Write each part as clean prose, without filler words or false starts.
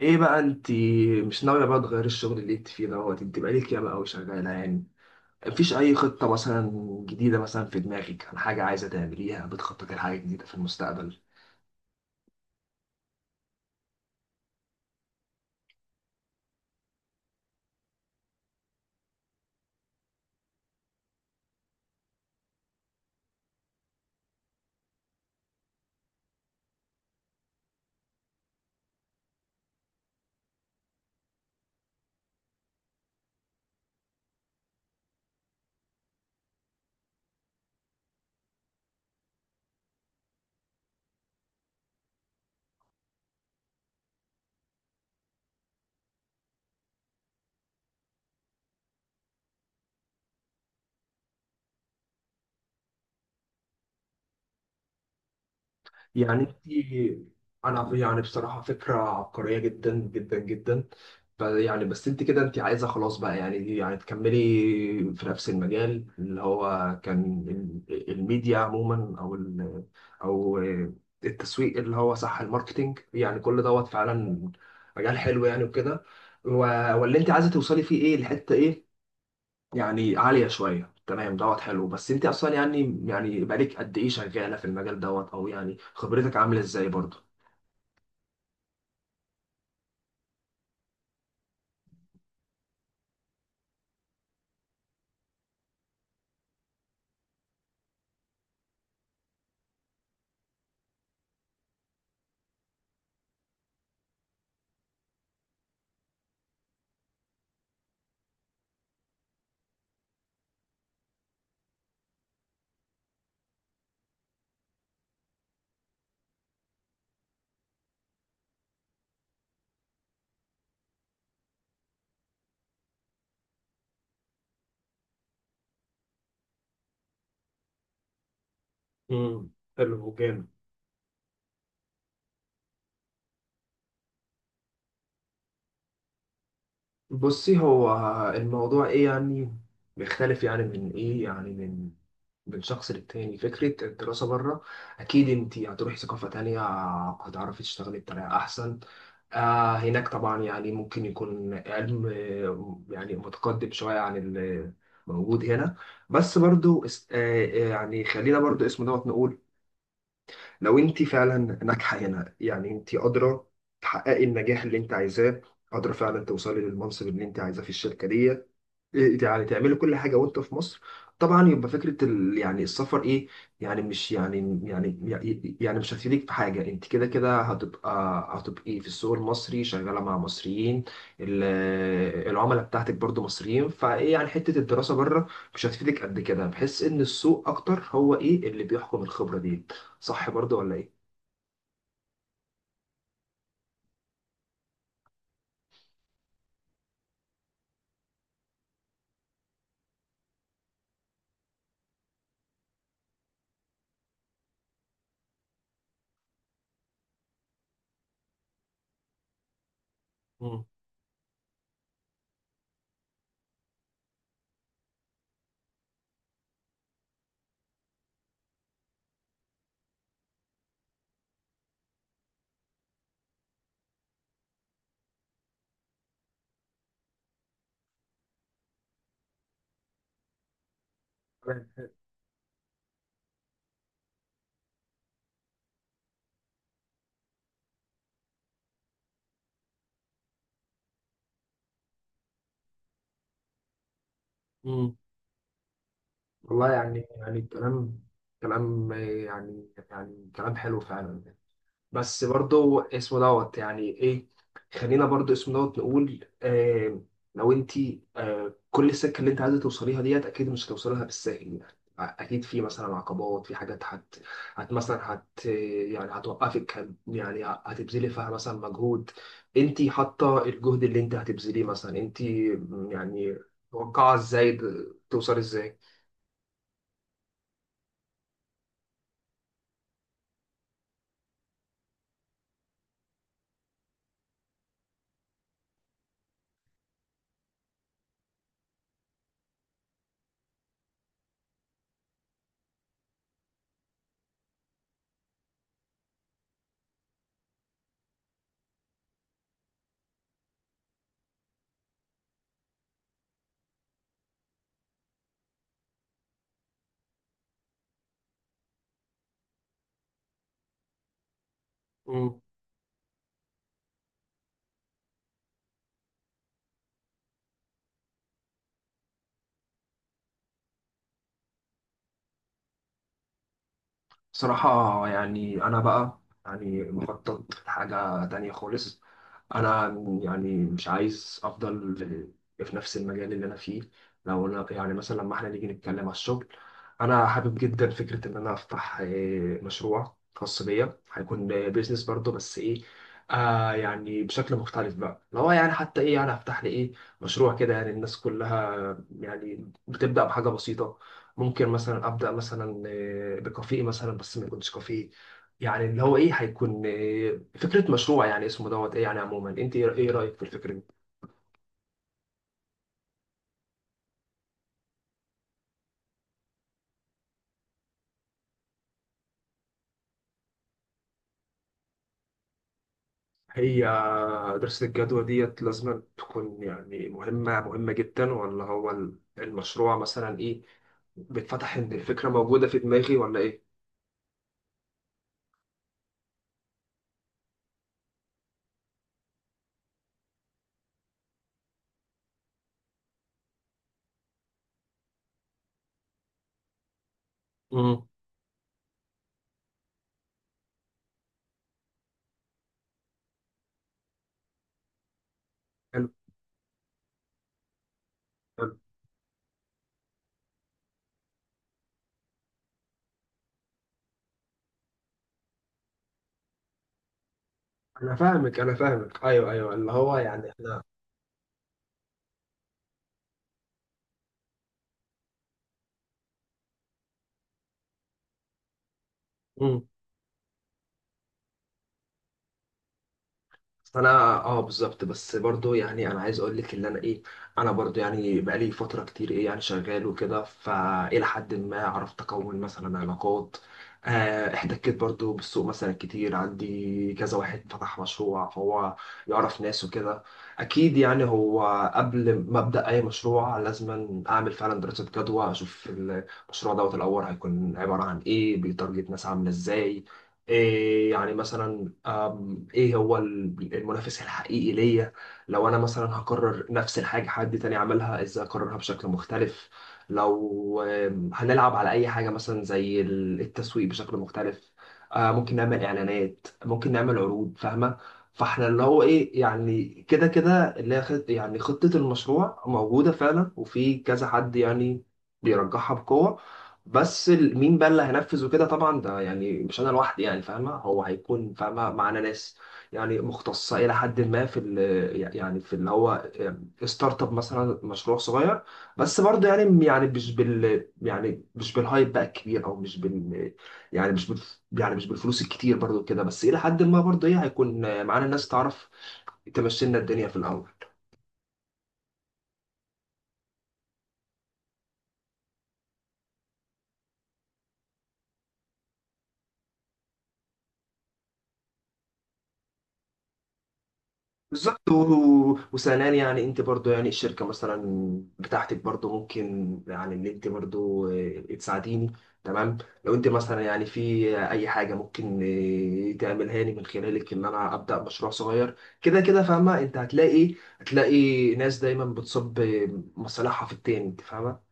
ايه بقى انت؟ مش ناوية بقى تغيري الشغل اللي انت فيه دوت؟ انت بقالك ياما قوي شغالة يعني. مفيش أي خطة مثلا جديدة مثلا في دماغك، عن حاجة عايزة تعمليها؟ بتخططي لحاجة جديدة في المستقبل؟ يعني انت، انا يعني بصراحه فكره عبقريه جدا جدا جدا. يعني بس انت كده انت عايزه خلاص بقى يعني تكملي في نفس المجال اللي هو كان، الميديا عموما، او التسويق، اللي هو صح الماركتينج، يعني كل دوت فعلا مجال حلو يعني وكده. و- واللي انت عايزه توصلي فيه ايه، الحته ايه؟ يعني عالية شوية، تمام دوت حلو. بس انت اصلا يعني بقالك قد ايه شغالة في المجال دوت؟ او يعني خبرتك عاملة ازاي برضه؟ امم حلو جامد. بصي، هو الموضوع ايه؟ يعني بيختلف يعني من ايه، يعني من شخص للتاني. فكرة الدراسة بره، أكيد أنت هتروحي ثقافة تانية، هتعرفي تشتغلي بطريقة أحسن. هناك طبعا يعني ممكن يكون علم يعني متقدم شوية عن اللي موجود هنا. بس برضو يعني خلينا برضو اسمه دوت نقول، لو انت فعلا ناجحه هنا، يعني انت قادره تحققي النجاح اللي انت عايزاه، قادره فعلا توصلي للمنصب اللي انت عايزاه في الشركه دي، يعني تعملي كل حاجه وانت في مصر، طبعا يبقى فكره يعني السفر، ايه يعني مش يعني مش هتفيدك في حاجه. انت كده كده هتبقي في السوق المصري شغاله مع مصريين، ال... العملاء بتاعتك برضو مصريين، فايه يعني حته الدراسه بره مش هتفيدك قد كده. بحس ان السوق اكتر هو ايه اللي بيحكم الخبره دي، صح برضو ولا ايه؟ مم. تمام. مم. والله يعني كلام يعني كلام حلو فعلا. بس برضو اسمه دوت يعني ايه. خلينا برضو اسمه دوت نقول، لو انت، كل السكه اللي انت عايزه توصليها ديت، اكيد مش هتوصلها بالساهل. يعني اكيد في مثلا عقبات، في حاجات هت, هت مثلا هت يعني هتوقفك، يعني هتبذلي فيها مثلا مجهود. انت حاطه الجهد اللي انت هتبذليه مثلا، انت يعني متوقعه ازاي توصلي ازاي؟ بصراحة يعني أنا بقى يعني مخطط لحاجة تانية خالص. أنا يعني مش عايز أفضل في نفس المجال اللي أنا فيه. لو أنا يعني مثلا لما إحنا نيجي نتكلم على الشغل، أنا حابب جدا فكرة إن أنا أفتح مشروع خاص بيا، هيكون بيزنس برضه، بس إيه، يعني بشكل مختلف بقى. لو يعني حتى إيه، يعني هفتح لي إيه مشروع كده، يعني الناس كلها يعني بتبدأ بحاجة بسيطة. ممكن مثلا ابدا مثلا بكافيه مثلا، بس ما يكونش كافيه، يعني اللي هو ايه، هيكون فكره مشروع يعني اسمه دوت ايه. يعني عموما انت ايه، رايك في الفكره دي؟ هي دراسه الجدوى ديت لازم تكون يعني مهمه مهمه جدا؟ ولا هو المشروع مثلا ايه، بيتفتح ان الفكره موجوده في دماغي، ولا ايه؟ امم حلو حلو. انا فاهمك، انا فاهمك، ايوه، ايوه، اللي هو يعني احنا. مم. فانا اه بالظبط. بس برضو يعني انا عايز اقول لك ان انا ايه، انا برضو يعني بقالي فتره كتير، ايه يعني شغال وكده، فالى حد ما عرفت اكون مثلا علاقات. احتكيت برضو بالسوق مثلا كتير. عندي كذا واحد فتح مشروع فهو يعرف ناس وكده. اكيد يعني هو قبل ما ابدا اي مشروع لازم اعمل فعلا دراسه جدوى، اشوف المشروع دوت الاول هيكون عباره عن ايه، بيتارجت ناس عامله ازاي، إيه يعني مثلا، ايه هو المنافس الحقيقي ليا. لو انا مثلا هكرر نفس الحاجة، حد تاني عملها ازاي اكررها بشكل مختلف. لو هنلعب على اي حاجة مثلا زي التسويق بشكل مختلف، ممكن نعمل اعلانات، ممكن نعمل عروض، فاهمة؟ فاحنا اللي هو ايه، يعني كده كده اللي هي يعني خطة المشروع موجودة فعلا، وفي كذا حد يعني بيرجحها بقوة. بس مين بقى اللي هينفذ وكده، طبعا ده يعني مش انا لوحدي، يعني فاهمه، هو هيكون فاهمه معانا ناس، يعني مختصه الى حد ما في ال يعني في اللي هو ستارت اب، مثلا مشروع صغير. بس برضه يعني مش بالهايب بقى الكبير، او يعني مش بال مش بالفلوس الكتير برضه كده. بس الى حد ما برضه ايه، هيكون معانا ناس تعرف تمشي لنا الدنيا في الاول. بالظبط. و- و- وثانيا يعني انت برضو، يعني الشركه مثلا بتاعتك برضو ممكن، يعني ان انت برضو تساعديني. تمام. لو انت مثلا يعني في اي حاجه ممكن اه، تعملها لي من خلالك، ان انا ابدا مشروع صغير، كده كده فاهمه. انت هتلاقي، ناس دايما بتصب مصالحها في التاني، انت فاهمه.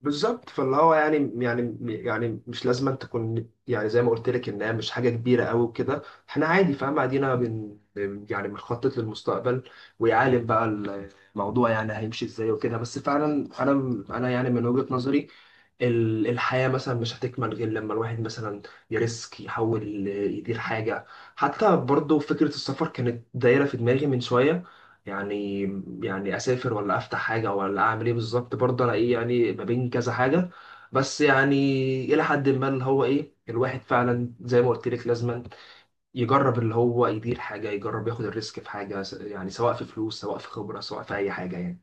بالظبط. فاللي هو يعني مش لازم أن تكون، يعني زي ما قلت لك انها مش حاجه كبيره قوي وكده. احنا عادي فاهم قاعدين، يعني بنخطط للمستقبل، ويعالج بقى الموضوع، يعني هيمشي ازاي وكده. بس فعلا انا يعني من وجهه نظري، الحياه مثلا مش هتكمل غير لما الواحد مثلا يريسك، يحاول يدير حاجه. حتى برضو فكره السفر كانت دايره في دماغي من شويه، يعني يعني اسافر ولا افتح حاجه ولا اعمل ايه بالظبط برضه، انا ايه يعني، ما بين كذا حاجه. بس يعني الى حد ما اللي هو ايه، الواحد فعلا زي ما قلت لك لازم يجرب، اللي هو يدير حاجه، يجرب ياخد الريسك في حاجه، يعني سواء في فلوس، سواء في خبره، سواء في اي حاجه يعني.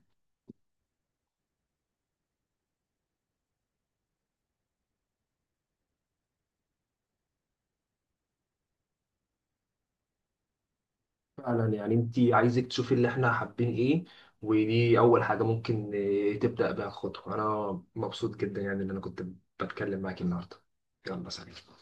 فعلا يعني انت عايزك تشوفي اللي احنا حابين ايه، ودي اول حاجه ممكن تبدا بها خطوه. انا مبسوط جدا يعني ان انا كنت بتكلم معاك النهارده. يلا، سلام.